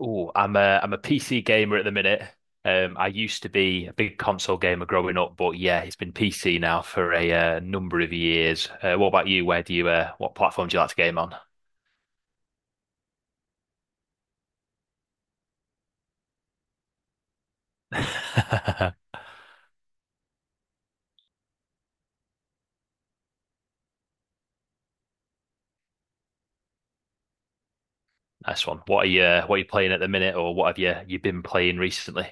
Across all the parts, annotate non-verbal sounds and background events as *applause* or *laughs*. Oh, I'm a PC gamer at the minute. I used to be a big console gamer growing up, but yeah, it's been PC now for a number of years. What about you? Where do you what platform do you like to game on? *laughs* Nice one. What are you playing at the minute, or what have you been playing recently?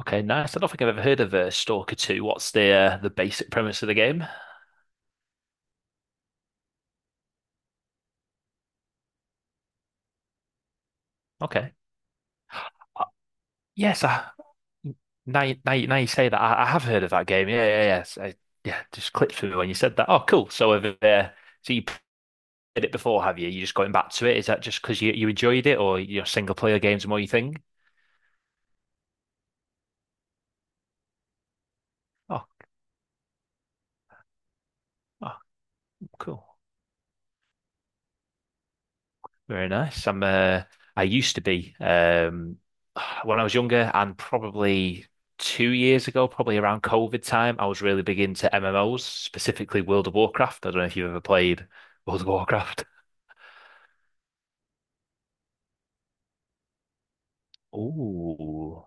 Okay, nice. I don't think I've ever heard of Stalker 2. What's the basic premise of the game? Okay. Yes, I, now you say that, I have heard of that game. Yeah, yeah, yes. I, yeah, just clicked through when you said that. Oh, cool. So have so you played it before, have you? You're just going back to it. Is that just because you enjoyed it, or your single player games are more your thing? Oh, oh, cool. Very nice. I'm I used to be when I was younger, and probably 2 years ago, probably around COVID time, I was really big into MMOs, specifically World of Warcraft. I don't know if you've ever played World of Warcraft. Oh.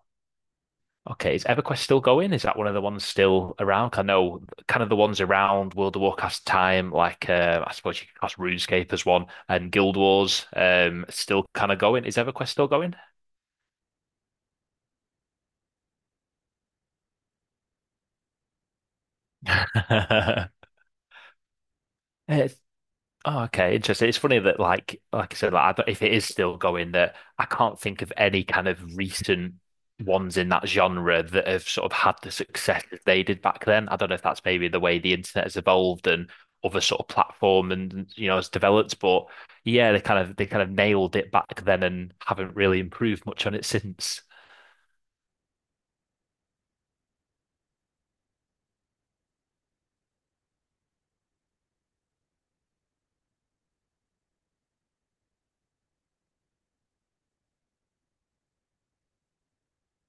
Okay, is EverQuest still going? Is that one of the ones still around? 'Cause I know kind of the ones around World of Warcraft time, like I suppose you could class RuneScape as one, and Guild Wars still kind of going. Is EverQuest still going? *laughs* It's Oh, okay, interesting. It's funny that, like I said, like, I don't, if it is still going, that I can't think of any kind of recent ones in that genre that have sort of had the success that they did back then. I don't know if that's maybe the way the internet has evolved and other sort of platform and has developed, but yeah, they kind of nailed it back then and haven't really improved much on it since.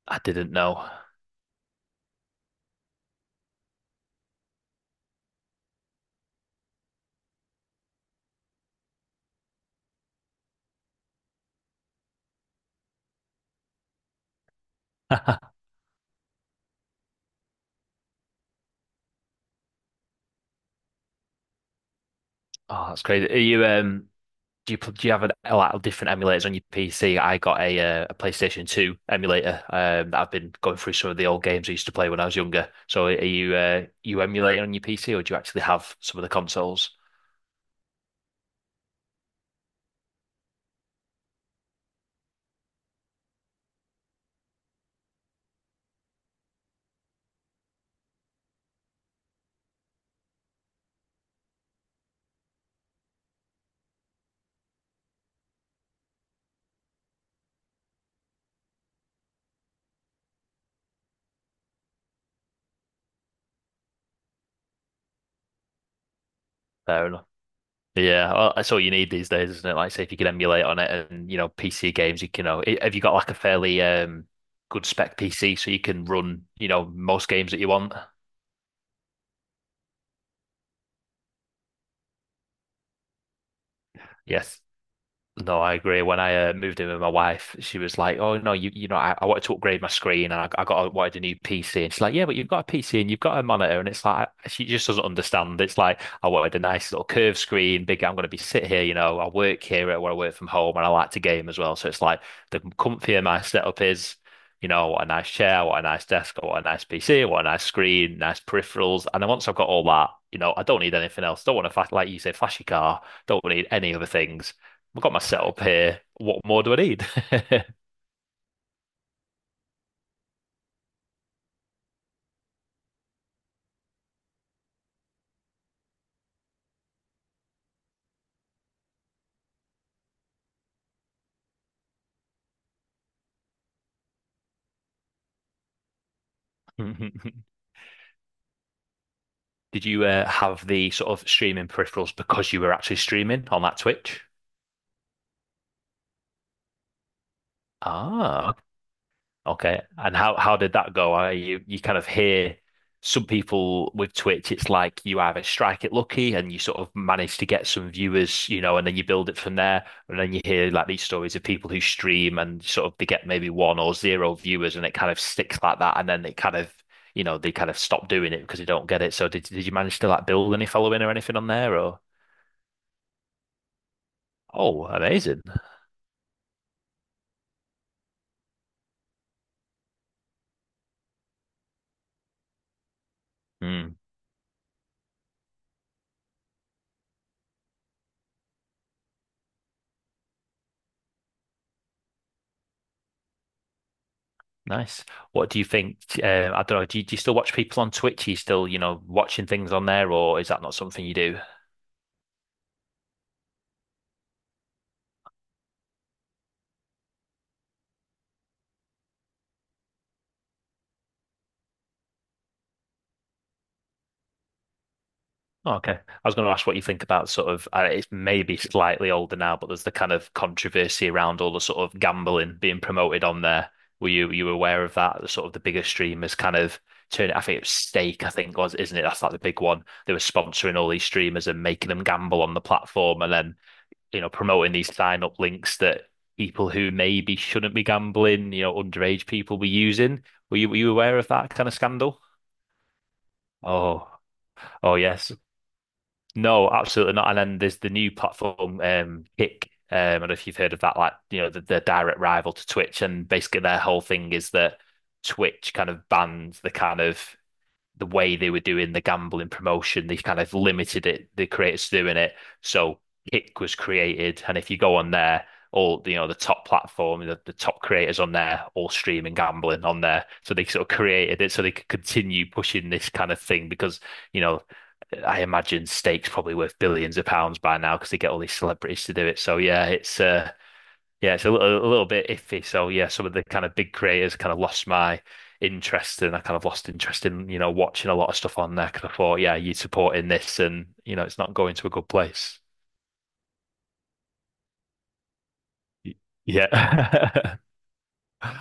I didn't know. *laughs* Oh, that's crazy. Are you um? Do you have a, lot of different emulators on your PC? I got a PlayStation 2 emulator that I've been going through some of the old games I used to play when I was younger. So are you you emulating on your PC or do you actually have some of the consoles? Fair enough. Yeah, well, that's all you need these days, isn't it? Like, say if you can emulate on it, and PC games, you can. You know, have you got like a fairly good spec PC so you can run most games that you want? Yes. No, I agree. When I moved in with my wife, she was like, "Oh no, I wanted to upgrade my screen, and I got a, wanted a new PC." And she's like, "Yeah, but you've got a PC and you've got a monitor," and it's like she just doesn't understand. It's like I wanted a nice little curved screen, big. I'm going to be sit here, you know. I work here where I work from home, and I like to game as well. So it's like the comfier my setup is, you know, what a nice chair, what a nice desk, what a nice PC, what a nice screen, nice peripherals. And then once I've got all that, you know, I don't need anything else. Don't want to like you say, flashy car. Don't need any other things. I've got my setup here. What more do I need? *laughs* Did you have the sort of streaming peripherals because you were actually streaming on that Twitch? Ah, okay. And how did that go? I you kind of hear some people with Twitch, it's like you either strike it lucky and you sort of manage to get some viewers, you know, and then you build it from there. And then you hear like these stories of people who stream and sort of they get maybe one or zero viewers and it kind of sticks like that. And then it kind of, you know, they kind of stop doing it because they don't get it. So did you manage to like build any following or anything on there or? Oh, amazing. Nice. What do you think? I don't know. Do you still watch people on Twitch? Are you still, you know, watching things on there, or is that not something you do? Oh, okay. I was going to ask what you think about sort of, it's maybe slightly older now, but there's the kind of controversy around all the sort of gambling being promoted on there. Were you aware of that? The sort of the bigger streamers kind of turn it. I think it was Stake, I think was, isn't it? That's like the big one. They were sponsoring all these streamers and making them gamble on the platform, and then you know, promoting these sign up links that people who maybe shouldn't be gambling, you know, underage people were using. Were you aware of that kind of scandal? Oh, oh yes. No, absolutely not. And then there's the new platform, Kick. I don't know if you've heard of that, like, you know, the direct rival to Twitch. And basically their whole thing is that Twitch kind of bans the kind of the way they were doing the gambling promotion, they kind of limited it, the creators doing it. So Kick was created, and if you go on there, all you know, the top platform, the top creators on there, all streaming gambling on there. So they sort of created it so they could continue pushing this kind of thing because, you know, I imagine stakes probably worth billions of pounds by now because they get all these celebrities to do it. So yeah, it's a, a little bit iffy. So yeah, some of the kind of big creators kind of lost my interest, and I kind of lost interest in, you know, watching a lot of stuff on there because I thought, yeah, you're supporting this, and you know, it's not going to a good place. Y- Yeah. *laughs*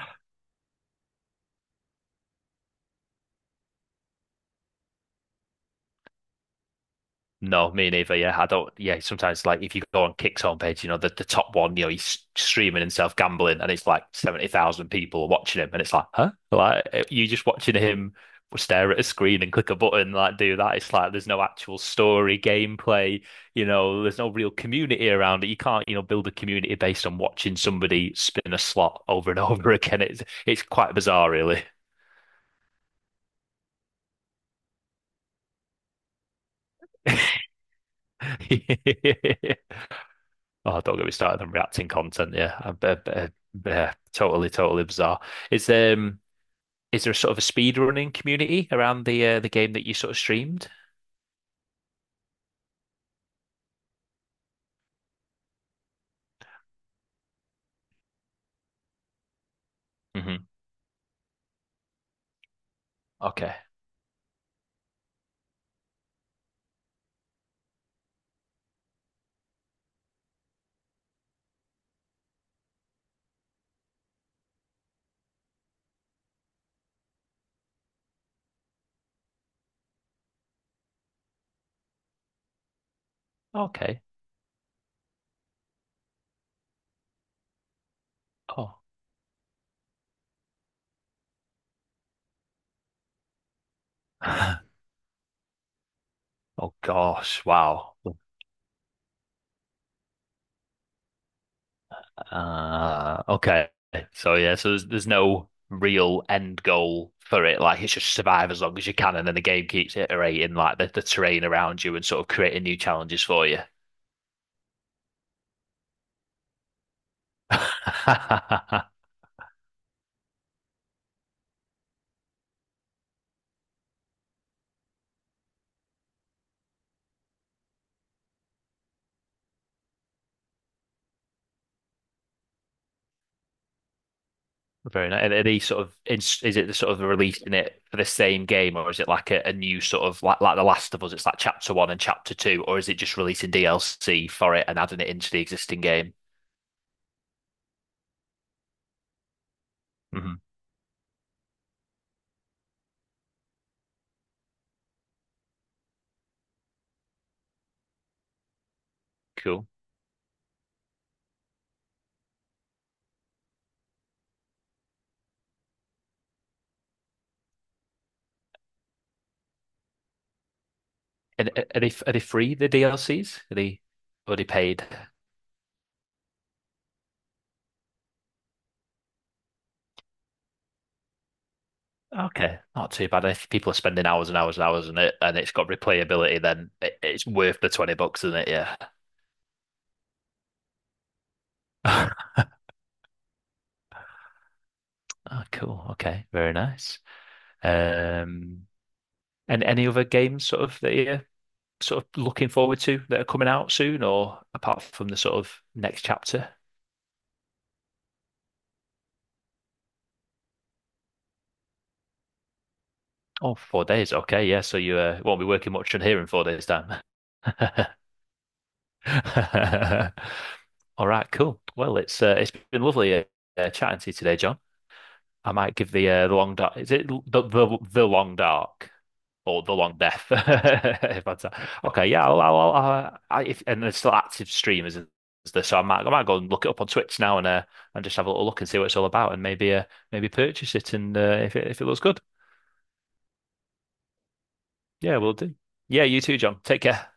No, me neither. Yeah, I don't. Yeah, sometimes like if you go on Kick's homepage, you know the top one, you know he's streaming himself gambling, and it's like 70,000 people watching him, and it's like, huh? Like eh, you just watching him stare at a screen and click a button, like do that. It's like there's no actual story, gameplay. You know, there's no real community around it. You can't, you know, build a community based on watching somebody spin a slot over and *laughs* over again. It's quite bizarre, really. *laughs* Oh, don't get me started on reacting content. Yeah, totally, totally bizarre. Is um, is there a sort of a speed running community around the game that you sort of streamed? Hmm Okay, okay. Oh, *laughs* oh gosh, wow. Okay. So yeah, so there's no real end goal for it. Like it's just survive as long as you can, and then the game keeps iterating like the terrain around you and sort of creating new challenges for you. *laughs* Very nice. Are they sort of is it the sort of releasing it for the same game, or is it like a new sort of like The Last of Us? It's like chapter one and chapter two, or is it just releasing DLC for it and adding it into the existing game? Hmm, cool. And are they free the DLCs? Are they paid? Okay, not too bad. If people are spending hours and hours and hours on it, and it's got replayability, then it, it's worth the $20, isn't it? Yeah. *laughs* Oh, cool. Okay, very nice. Um, and any other games sort of that you sort of looking forward to that are coming out soon, or apart from the sort of next chapter? Oh, 4 days. Okay, yeah. So you won't be working much on here in 4 days' time. *laughs* All right, cool. Well, it's been lovely chatting to you today, John. I might give the long dark. Is it the long dark or the long death? *laughs* If I'd say. Okay, yeah. If, and there's still active streamers, is there? So I might go and look it up on Twitch now and just have a little look and see what it's all about and maybe maybe purchase it and if it looks good, yeah, we'll do. Yeah, you too, John. Take care.